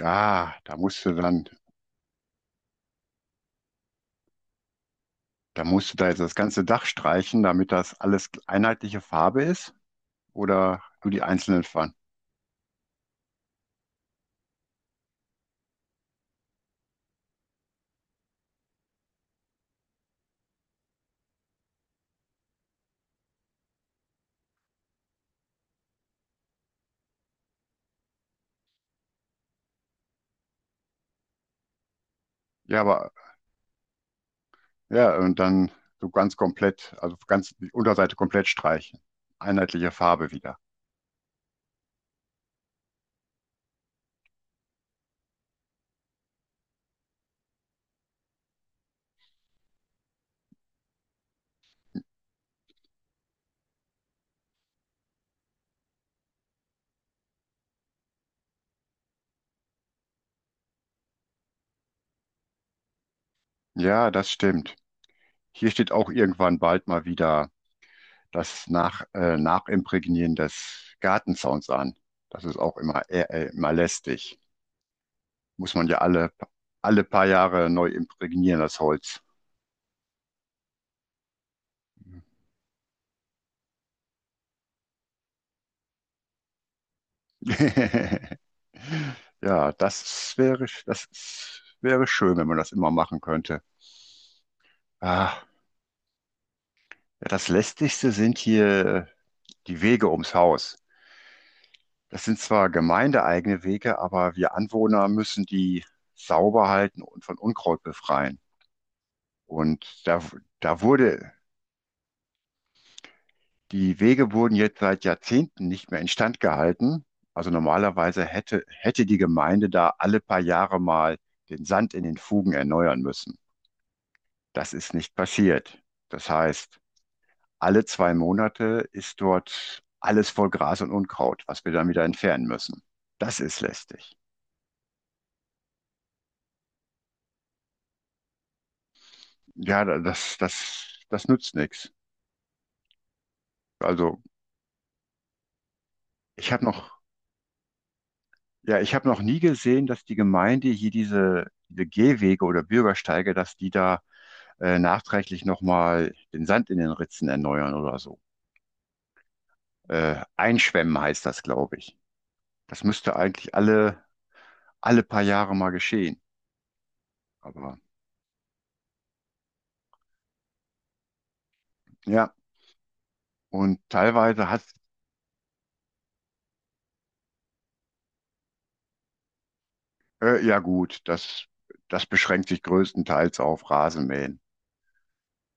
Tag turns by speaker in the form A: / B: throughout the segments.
A: Ah, da musst du dann, da musst du da jetzt das ganze Dach streichen, damit das alles einheitliche Farbe ist oder nur die einzelnen Farben. Ja, aber ja, und dann so ganz komplett, also ganz die Unterseite komplett streichen. Einheitliche Farbe wieder. Ja, das stimmt. Hier steht auch irgendwann bald mal wieder das Nachimprägnieren des Gartenzauns an. Das ist auch immer immer lästig. Muss man ja alle paar Jahre neu imprägnieren, das Holz. Ja, das wäre schön, wenn man das immer machen könnte. Ah, ja, das Lästigste sind hier die Wege ums Haus. Das sind zwar gemeindeeigene Wege, aber wir Anwohner müssen die sauber halten und von Unkraut befreien. Und da, da wurde, Die Wege wurden jetzt seit Jahrzehnten nicht mehr instand gehalten. Also normalerweise hätte die Gemeinde da alle paar Jahre mal den Sand in den Fugen erneuern müssen. Das ist nicht passiert. Das heißt, alle zwei Monate ist dort alles voll Gras und Unkraut, was wir dann wieder entfernen müssen. Das ist lästig. Das nützt nichts. Also ich habe noch, ja, ich habe noch nie gesehen, dass die Gemeinde hier diese Gehwege oder Bürgersteige, dass die da nachträglich nochmal den Sand in den Ritzen erneuern oder so. Einschwemmen heißt das, glaube ich. Das müsste eigentlich alle paar Jahre mal geschehen. Aber ja. Und ja gut, das beschränkt sich größtenteils auf Rasenmähen.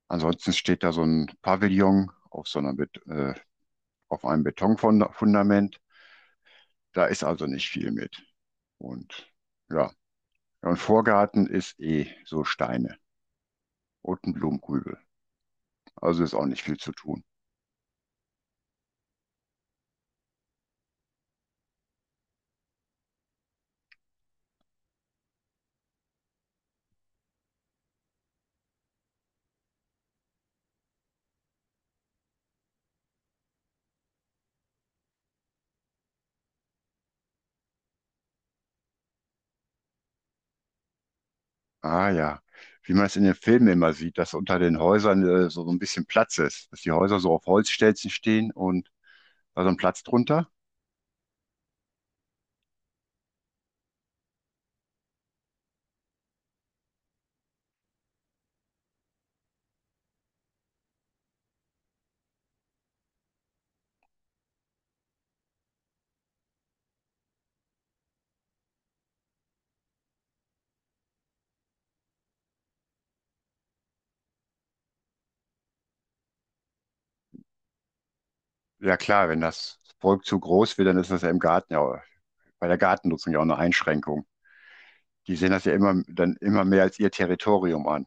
A: Ansonsten steht da so ein Pavillon auf so auf einem Betonfundament. Da ist also nicht viel mit. Und ja, ja, und Vorgarten ist eh so Steine und ein Blumenkübel. Also ist auch nicht viel zu tun. Ah ja, wie man es in den Filmen immer sieht, dass unter den Häusern so, so ein bisschen Platz ist, dass die Häuser so auf Holzstelzen stehen und also ein Platz drunter. Ja klar, wenn das Volk zu groß wird, dann ist das ja im Garten ja bei der Gartennutzung ja auch eine Einschränkung. Die sehen das ja immer dann immer mehr als ihr Territorium an.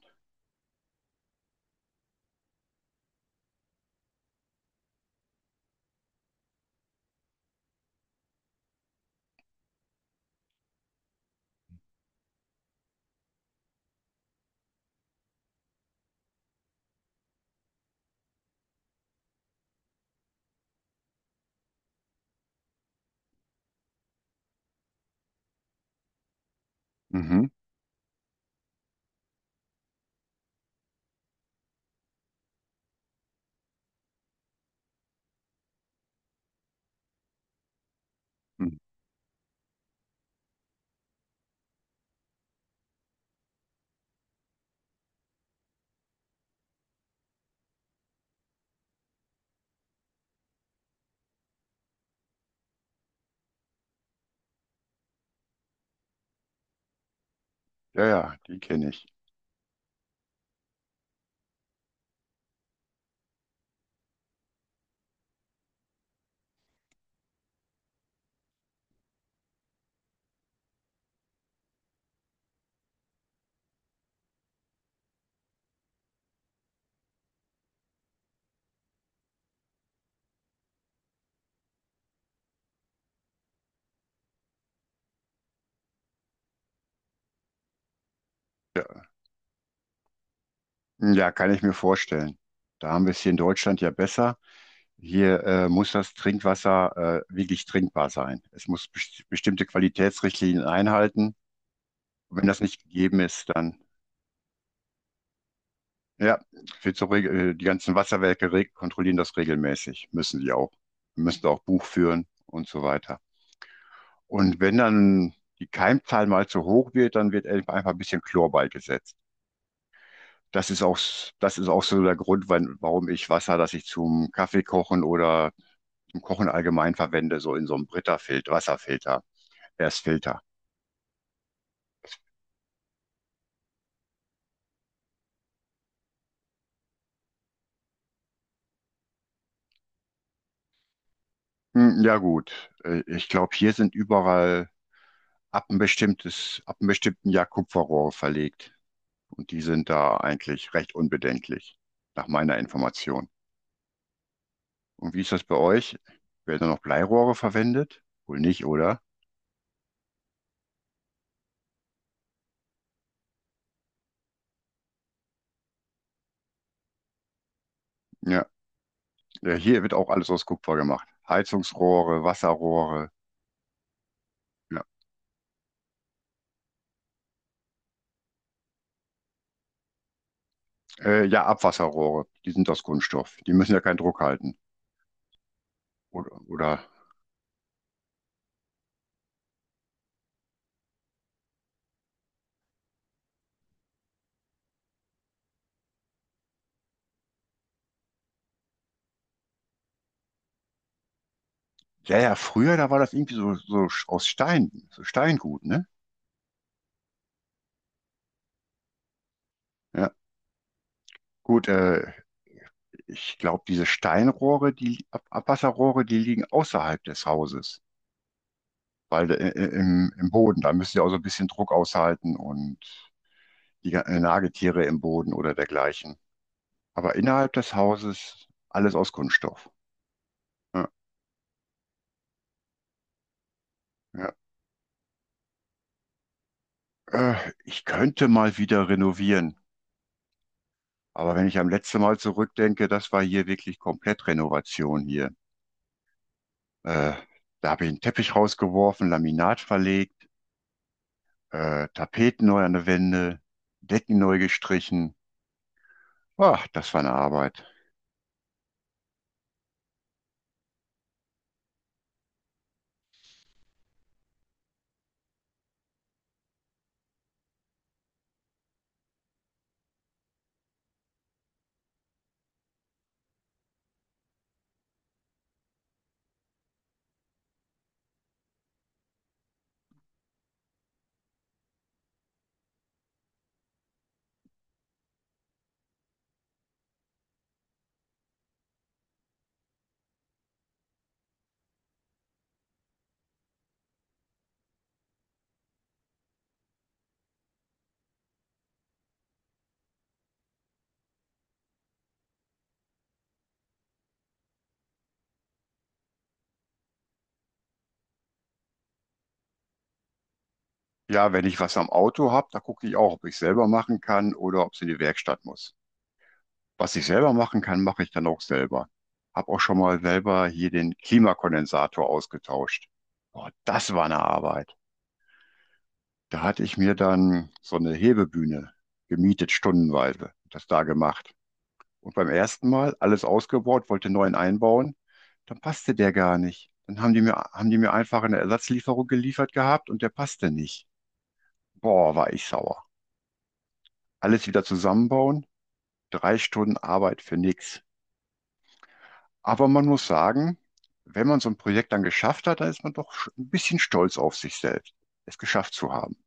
A: Mhm. Mhm. Ja, ja, die kenne ich. Ja, ja, kann ich mir vorstellen. Da haben wir es hier in Deutschland ja besser. Hier muss das Trinkwasser wirklich trinkbar sein. Es muss best bestimmte Qualitätsrichtlinien einhalten. Und wenn das nicht gegeben ist, ja, wird so die ganzen Wasserwerke reg- kontrollieren das regelmäßig. Müssen sie auch. Wir müssen da auch Buch führen und so weiter. Und wenn dann die Keimzahl mal zu hoch wird, dann wird einfach ein bisschen Chlor beigesetzt. Das ist das ist auch so der Grund, warum ich Wasser, das ich zum Kaffee kochen oder zum Kochen allgemein verwende, so in so einem Brita-Filter, Wasserfilter er ist Filter. Hm, ja gut, ich glaube, hier sind überall ab einem bestimmten Jahr Kupferrohre verlegt. Und die sind da eigentlich recht unbedenklich, nach meiner Information. Und wie ist das bei euch? Werden da noch Bleirohre verwendet? Wohl nicht, oder? Ja, ja, hier wird auch alles aus Kupfer gemacht. Heizungsrohre, Wasserrohre, ja, ja, Abwasserrohre, die sind aus Kunststoff. Die müssen ja keinen Druck halten. Oder, oder, ja, ja, früher, da war das irgendwie so, so aus Stein, so Steingut, ne? Ja, gut, ich glaube, diese Steinrohre, die Ab Abwasserrohre, die liegen außerhalb des Hauses, weil im Boden, da müssen sie auch so ein bisschen Druck aushalten und die Nagetiere im Boden oder dergleichen. Aber innerhalb des Hauses alles aus Kunststoff. Ja, ja. Ich könnte mal wieder renovieren, aber wenn ich am letzten Mal zurückdenke, das war hier wirklich komplett Renovation hier. Äh, Da habe ich einen Teppich rausgeworfen, Laminat verlegt. Äh, Tapeten neu an der Wände, Decken neu gestrichen. Ah, das war eine Arbeit. Ja, wenn ich was am Auto habe, da gucke ich auch, ob ich selber machen kann oder ob es in die Werkstatt muss. Was ich selber machen kann, mache ich dann auch selber. Hab auch schon mal selber hier den Klimakondensator ausgetauscht. Boah, das war eine Arbeit. Da hatte ich mir dann so eine Hebebühne gemietet, stundenweise, das da gemacht. Und beim ersten Mal alles ausgebaut, wollte neuen einbauen, dann passte der gar nicht. Dann haben haben die mir einfach eine Ersatzlieferung geliefert gehabt und der passte nicht. Boah, war ich sauer. Alles wieder zusammenbauen, 3 Stunden Arbeit für nichts. Aber man muss sagen, wenn man so ein Projekt dann geschafft hat, dann ist man doch ein bisschen stolz auf sich selbst, es geschafft zu haben.